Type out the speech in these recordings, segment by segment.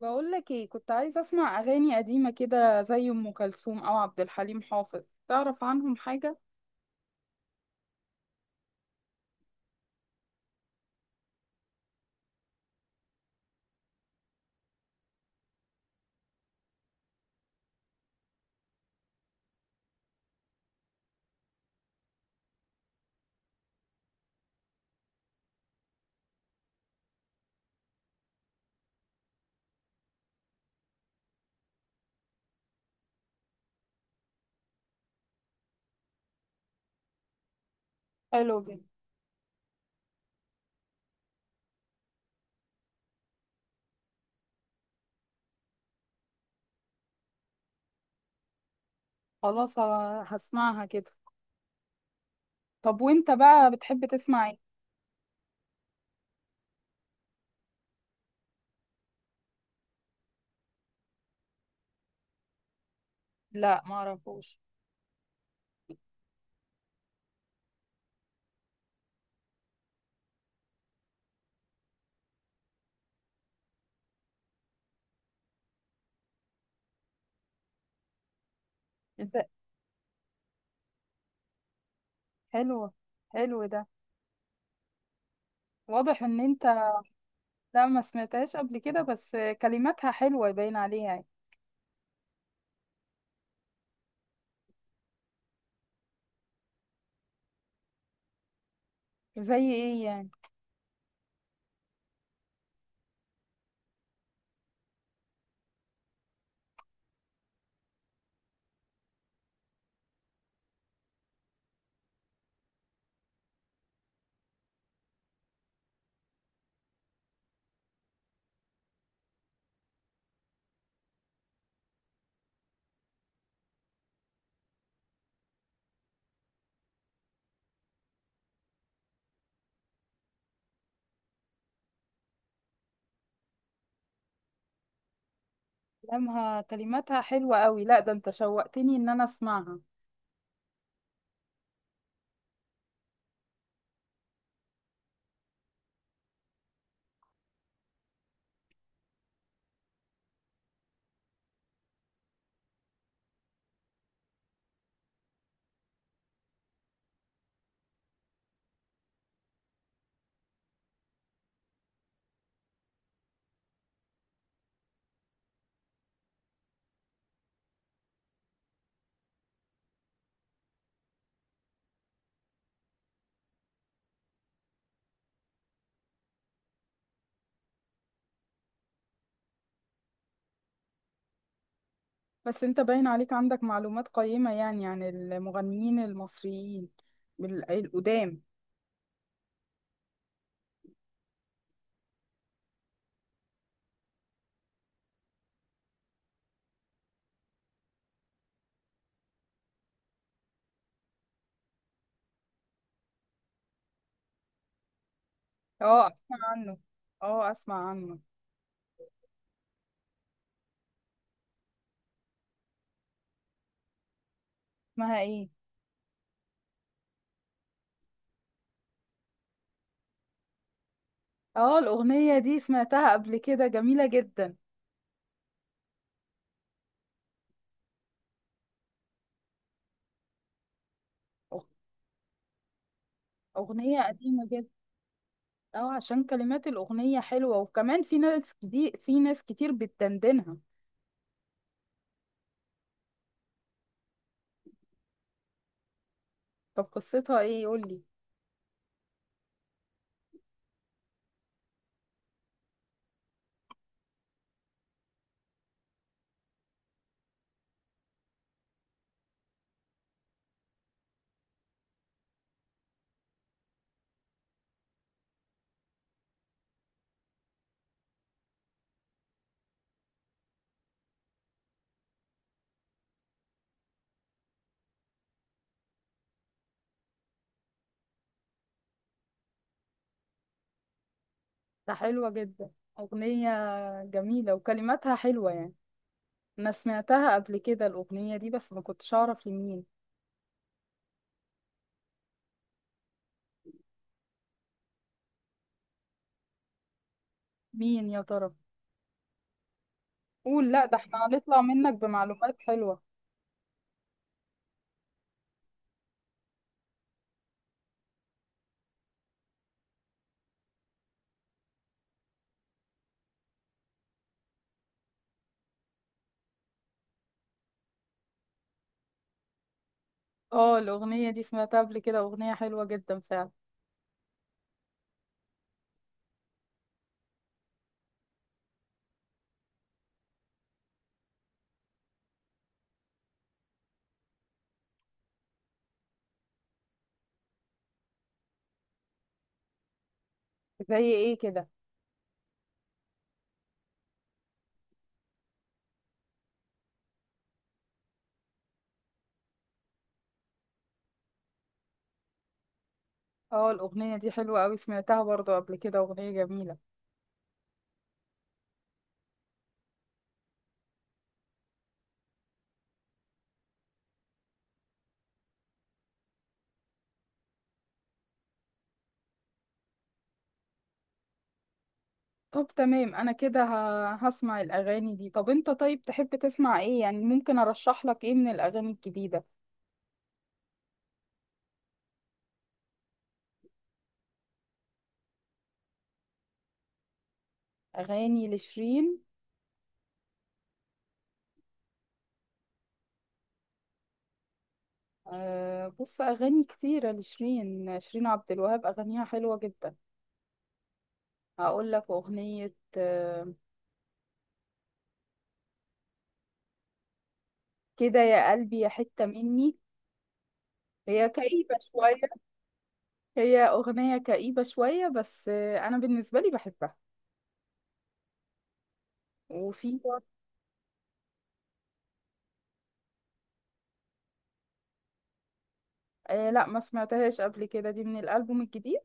بقول لك ايه، كنت عايزه اسمع اغاني قديمه كده زي ام كلثوم او عبد الحليم حافظ. تعرف عنهم حاجه؟ حلو جدا. خلاص هسمعها كده. طب وانت بقى بتحب تسمع ايه؟ لا ما اعرفوش. انت حلو. حلو ده. واضح ان انت. لا ما سمعتهاش قبل كده، بس كلماتها حلوه باين عليها يعني. زي ايه يعني؟ كلامها كلماتها حلوه قوي، لا ده انت شوقتني ان انا اسمعها. بس انت باين عليك عندك معلومات قيمة يعني عن المغنيين المصريين القدام. اه اسمع عنه. اه اسمع عنه. اسمها ايه؟ اه الأغنية دي سمعتها قبل كده، جميلة جدا. أغ- أغنية قديمة جدا. اه عشان كلمات الأغنية حلوة، وكمان في ناس دي، في ناس كتير بتدندنها. طب قصتها ايه؟ قولي. ده حلوة جدا. أغنية جميلة وكلماتها حلوة يعني. أنا سمعتها قبل كده الأغنية دي، بس ما كنتش أعرف لمين. مين يا ترى؟ قول، لا ده احنا هنطلع منك بمعلومات حلوة. اه الأغنية دي سمعتها قبل كده، أغنية حلوة جدا فعلا. زي ايه كده؟ اه الأغنية دي حلوة أوي، سمعتها برضو قبل كده، أغنية جميلة. طب تمام، أنا كده هسمع الأغاني دي. طب أنت، طيب تحب تسمع ايه يعني؟ ممكن أرشح لك ايه من الأغاني الجديدة؟ أغاني لشيرين. أه بص، أغاني كتيرة لشيرين، شيرين عبد الوهاب أغانيها حلوة جدا. هقول لك أغنية كده يا قلبي يا حتة مني. هي كئيبة شوية. هي أغنية كئيبة شوية، بس أنا بالنسبة لي بحبها. وفي. آه لا ما سمعتهاش قبل كده، دي من الألبوم الجديد.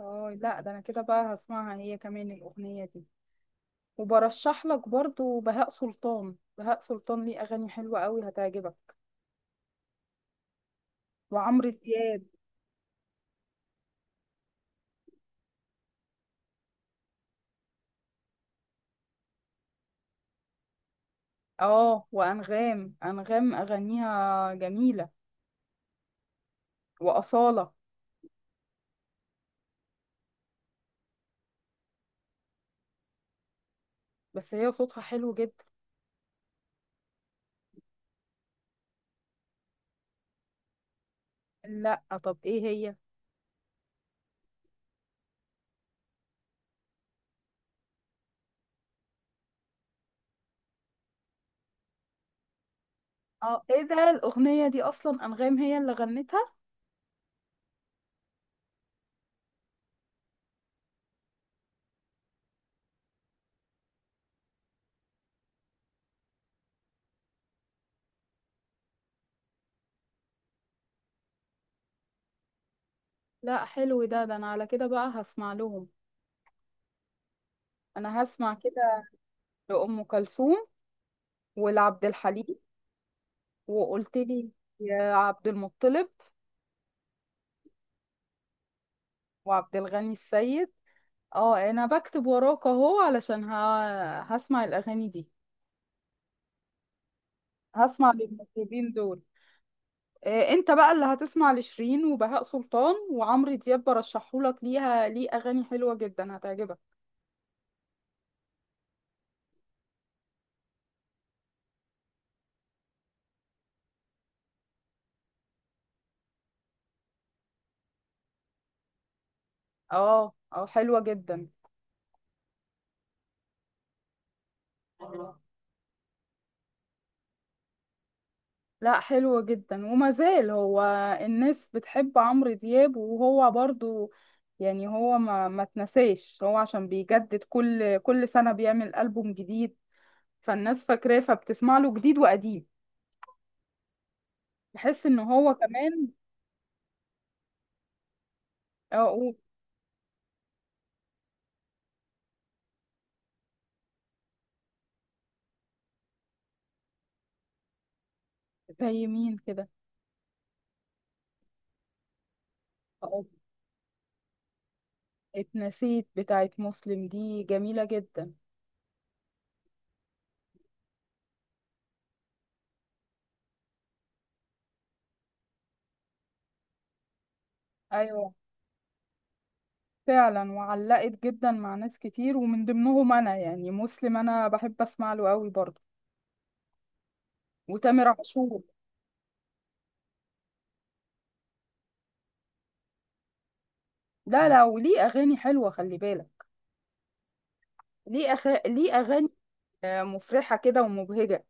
اه، لا ده أنا كده بقى هسمعها هي كمان الأغنية دي. وبرشح لك برضو بهاء سلطان، بهاء سلطان ليه أغاني حلوة قوي هتعجبك. وعمرو دياب. اه وأنغام، أنغام أغانيها جميلة. وأصالة. بس هي صوتها حلو جدا. لا، طب ايه هي؟ اه ايه ده، الأغنية دي أصلا أنغام هي اللي غنتها؟ لا حلو ده، ده انا على كده بقى هسمع لهم. انا هسمع كده لأم كلثوم، ولعبد الحليم. وقلت لي يا عبد المطلب، وعبد الغني السيد. اه انا بكتب وراك اهو علشان ه... هسمع الاغاني دي، هسمع للمطربين دول. انت بقى اللي هتسمع لشيرين وبهاء سلطان وعمرو دياب، برشحهولك، ليها ليه اغاني حلوة جدا هتعجبك. اه اه حلوة جدا. لا حلو جدا، وما زال هو، الناس بتحب عمرو دياب، وهو برضو يعني هو، ما تنساش هو عشان بيجدد، كل سنة بيعمل ألبوم جديد، فالناس فاكراه فبتسمع له جديد وقديم. بحس ان هو كمان. اقول. زي مين كده؟ أقول، اتنسيت بتاعت مسلم دي جميلة جدا. ايوه، فعلا وعلقت جدا مع ناس كتير ومن ضمنهم انا، يعني مسلم انا بحب اسمع له قوي برضو. وتامر عاشور. لا لا، وليه اغاني حلوه خلي بالك. ليه أخ... ليه اغاني مفرحه كده ومبهجه.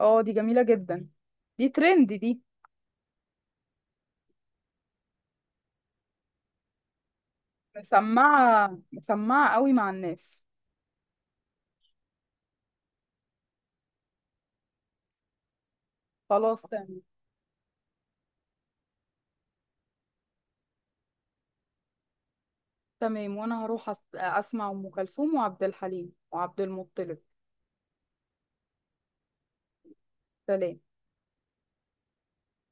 اه دي جميله جدا، دي ترند دي. مسمعه مسمعه قوي مع الناس. خلاص تمام. تمام، وانا هروح أس... اسمع ام كلثوم وعبد الحليم وعبد المطلب. سلام.